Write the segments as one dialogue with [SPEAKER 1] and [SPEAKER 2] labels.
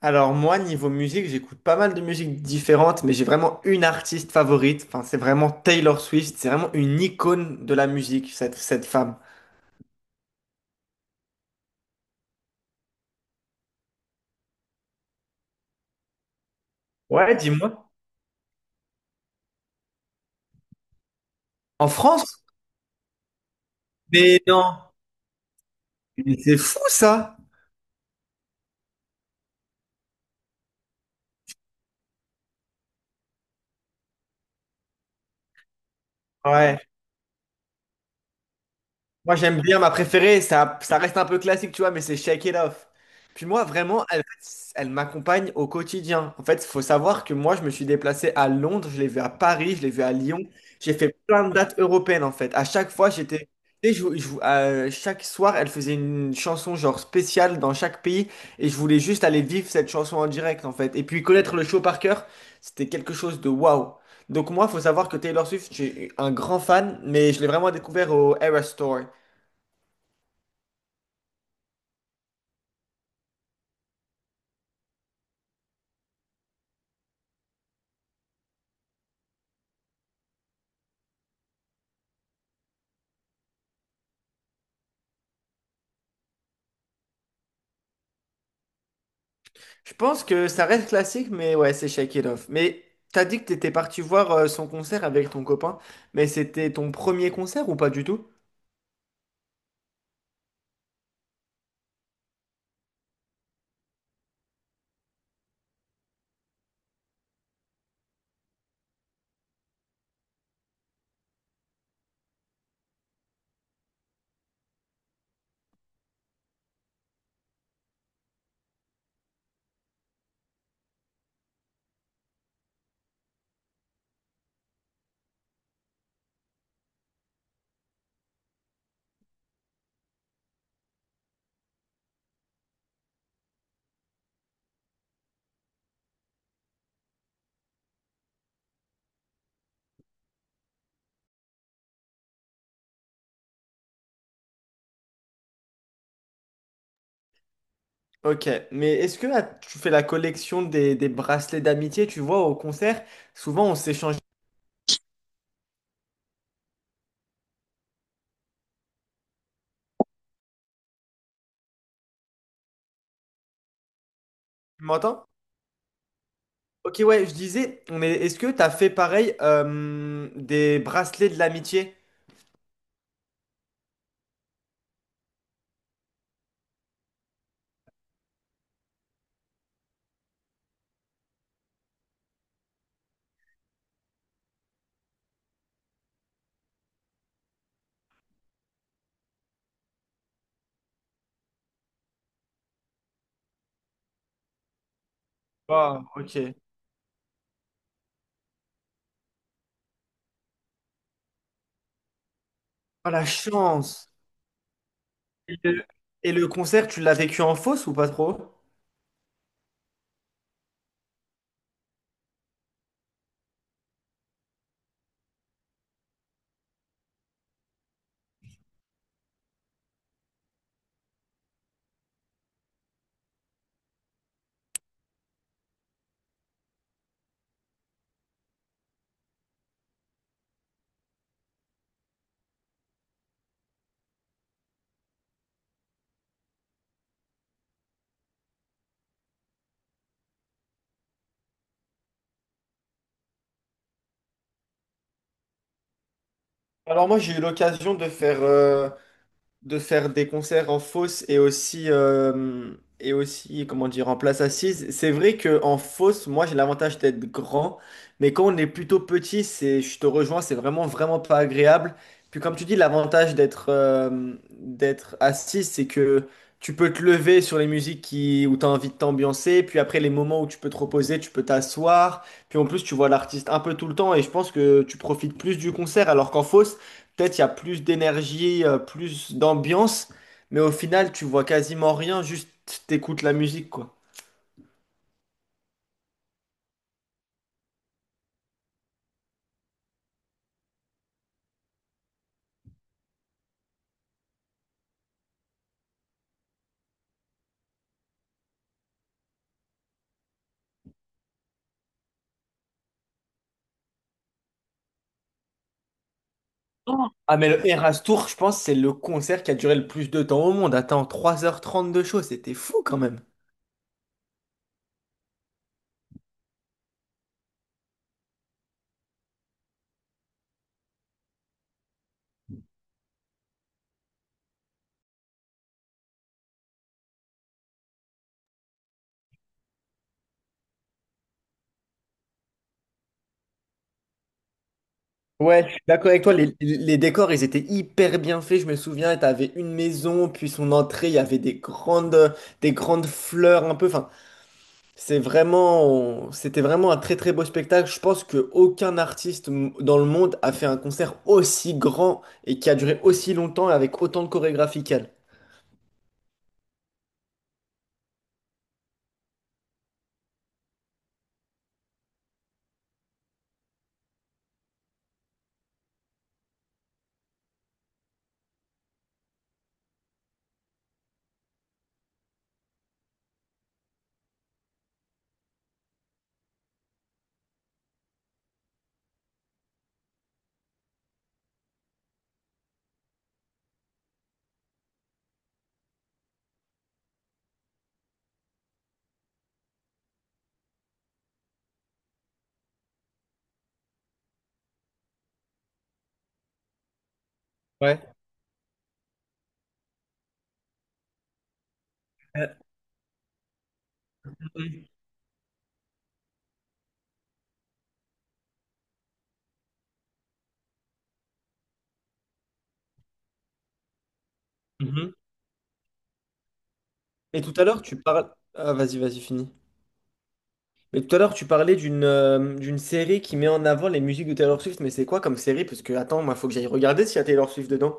[SPEAKER 1] Alors moi, niveau musique, j'écoute pas mal de musiques différentes, mais j'ai vraiment une artiste favorite. Enfin, c'est vraiment Taylor Swift. C'est vraiment une icône de la musique, cette femme. Ouais, dis-moi. En France? Mais non. Mais c'est fou ça. Ouais. Moi, j'aime bien ma préférée. Ça reste un peu classique, tu vois, mais c'est Shake It Off. Puis moi, vraiment, elle, elle m'accompagne au quotidien. En fait, il faut savoir que moi, je me suis déplacé à Londres, je l'ai vu à Paris, je l'ai vu à Lyon. J'ai fait plein de dates européennes, en fait. À chaque fois, j'étais. Et chaque soir, elle faisait une chanson genre spéciale dans chaque pays. Et je voulais juste aller vivre cette chanson en direct, en fait. Et puis connaître le show par cœur, c'était quelque chose de waouh. Donc moi, il faut savoir que Taylor Swift, j'ai un grand fan, mais je l'ai vraiment découvert au Eras Tour. Je pense que ça reste classique, mais ouais, c'est Shake It Off. Mais t'as dit que t'étais parti voir son concert avec ton copain, mais c'était ton premier concert ou pas du tout? Ok, mais est-ce que là, tu fais la collection des bracelets d'amitié, tu vois, au concert, souvent on s'échange, tu m'entends? Ok, ouais, je disais, mais est-ce que t'as fait pareil des bracelets de l'amitié? Wow, ok. Oh, la chance! Et le, et le concert, tu l'as vécu en fosse ou pas trop? Alors moi, j'ai eu l'occasion de faire des concerts en fosse et aussi, comment dire, en place assise. C'est vrai que en fosse, moi, j'ai l'avantage d'être grand, mais quand on est plutôt petit, c'est, je te rejoins, c'est vraiment, vraiment pas agréable. Puis comme tu dis, l'avantage d'être assis, c'est que tu peux te lever sur les musiques qui, où tu as envie de t'ambiancer, puis après les moments où tu peux te reposer, tu peux t'asseoir, puis en plus tu vois l'artiste un peu tout le temps et je pense que tu profites plus du concert alors qu'en fosse, peut-être il y a plus d'énergie, plus d'ambiance, mais au final, tu vois quasiment rien, juste t'écoutes la musique, quoi. Ah, mais le Eras Tour, je pense, c'est le concert qui a duré le plus de temps au monde. Attends, 3 h 30 de show, c'était fou quand même. Ouais, je suis d'accord avec toi, les décors, ils étaient hyper bien faits, je me souviens, t'avais une maison, puis son entrée, il y avait des grandes fleurs un peu, enfin, c'est vraiment, c'était vraiment un très très beau spectacle. Je pense que aucun artiste m- dans le monde a fait un concert aussi grand et qui a duré aussi longtemps et avec autant de chorégraphie qu'elle. Ouais. Euh, mhm. Et tout à l'heure, tu parles. Ah, vas-y, vas-y, fini. Mais tout à l'heure, tu parlais d'une série qui met en avant les musiques de Taylor Swift. Mais c'est quoi comme série? Parce que, attends, moi, faut que j'aille regarder s'il y a Taylor Swift dedans.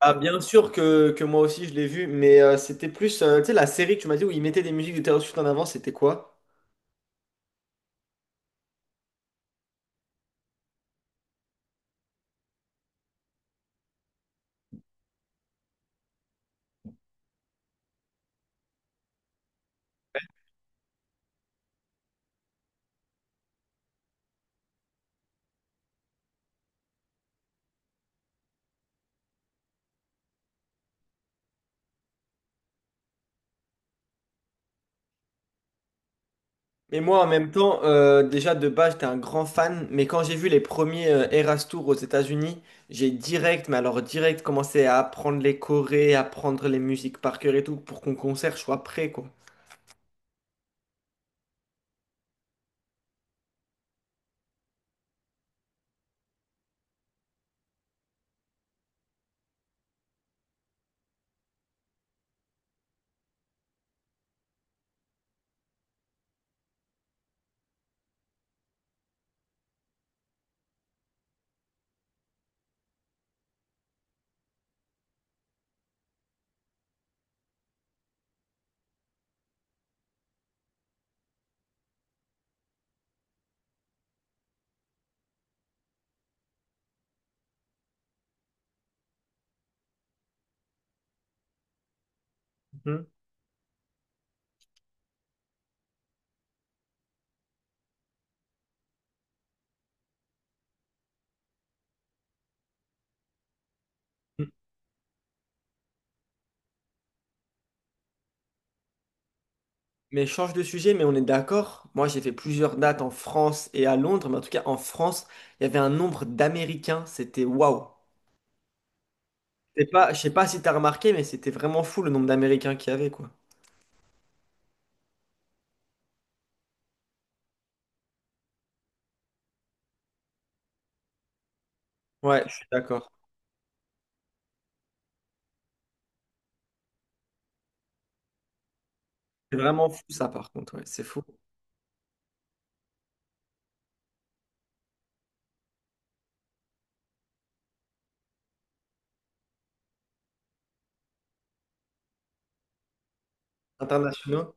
[SPEAKER 1] Ah, bien sûr que moi aussi, je l'ai vu. Mais c'était plus, tu sais, la série que tu m'as dit où ils mettaient des musiques de Taylor Swift en avant, c'était quoi? Mais moi, en même temps, déjà de base, j'étais un grand fan, mais quand j'ai vu les premiers Eras Tour aux États-Unis, j'ai direct, mais alors direct, commencé à apprendre les chorés, apprendre les musiques par cœur et tout, pour qu'on concert, soit prêt, quoi. Mhm. Mais change de sujet, mais on est d'accord. Moi, j'ai fait plusieurs dates en France et à Londres, mais en tout cas, en France, il y avait un nombre d'Américains, c'était waouh. C'est pas, je sais pas si t'as remarqué, mais c'était vraiment fou le nombre d'Américains qu'il y avait, quoi. Ouais, je suis d'accord. C'est vraiment fou, ça, par contre, ouais, c'est fou. Internationaux.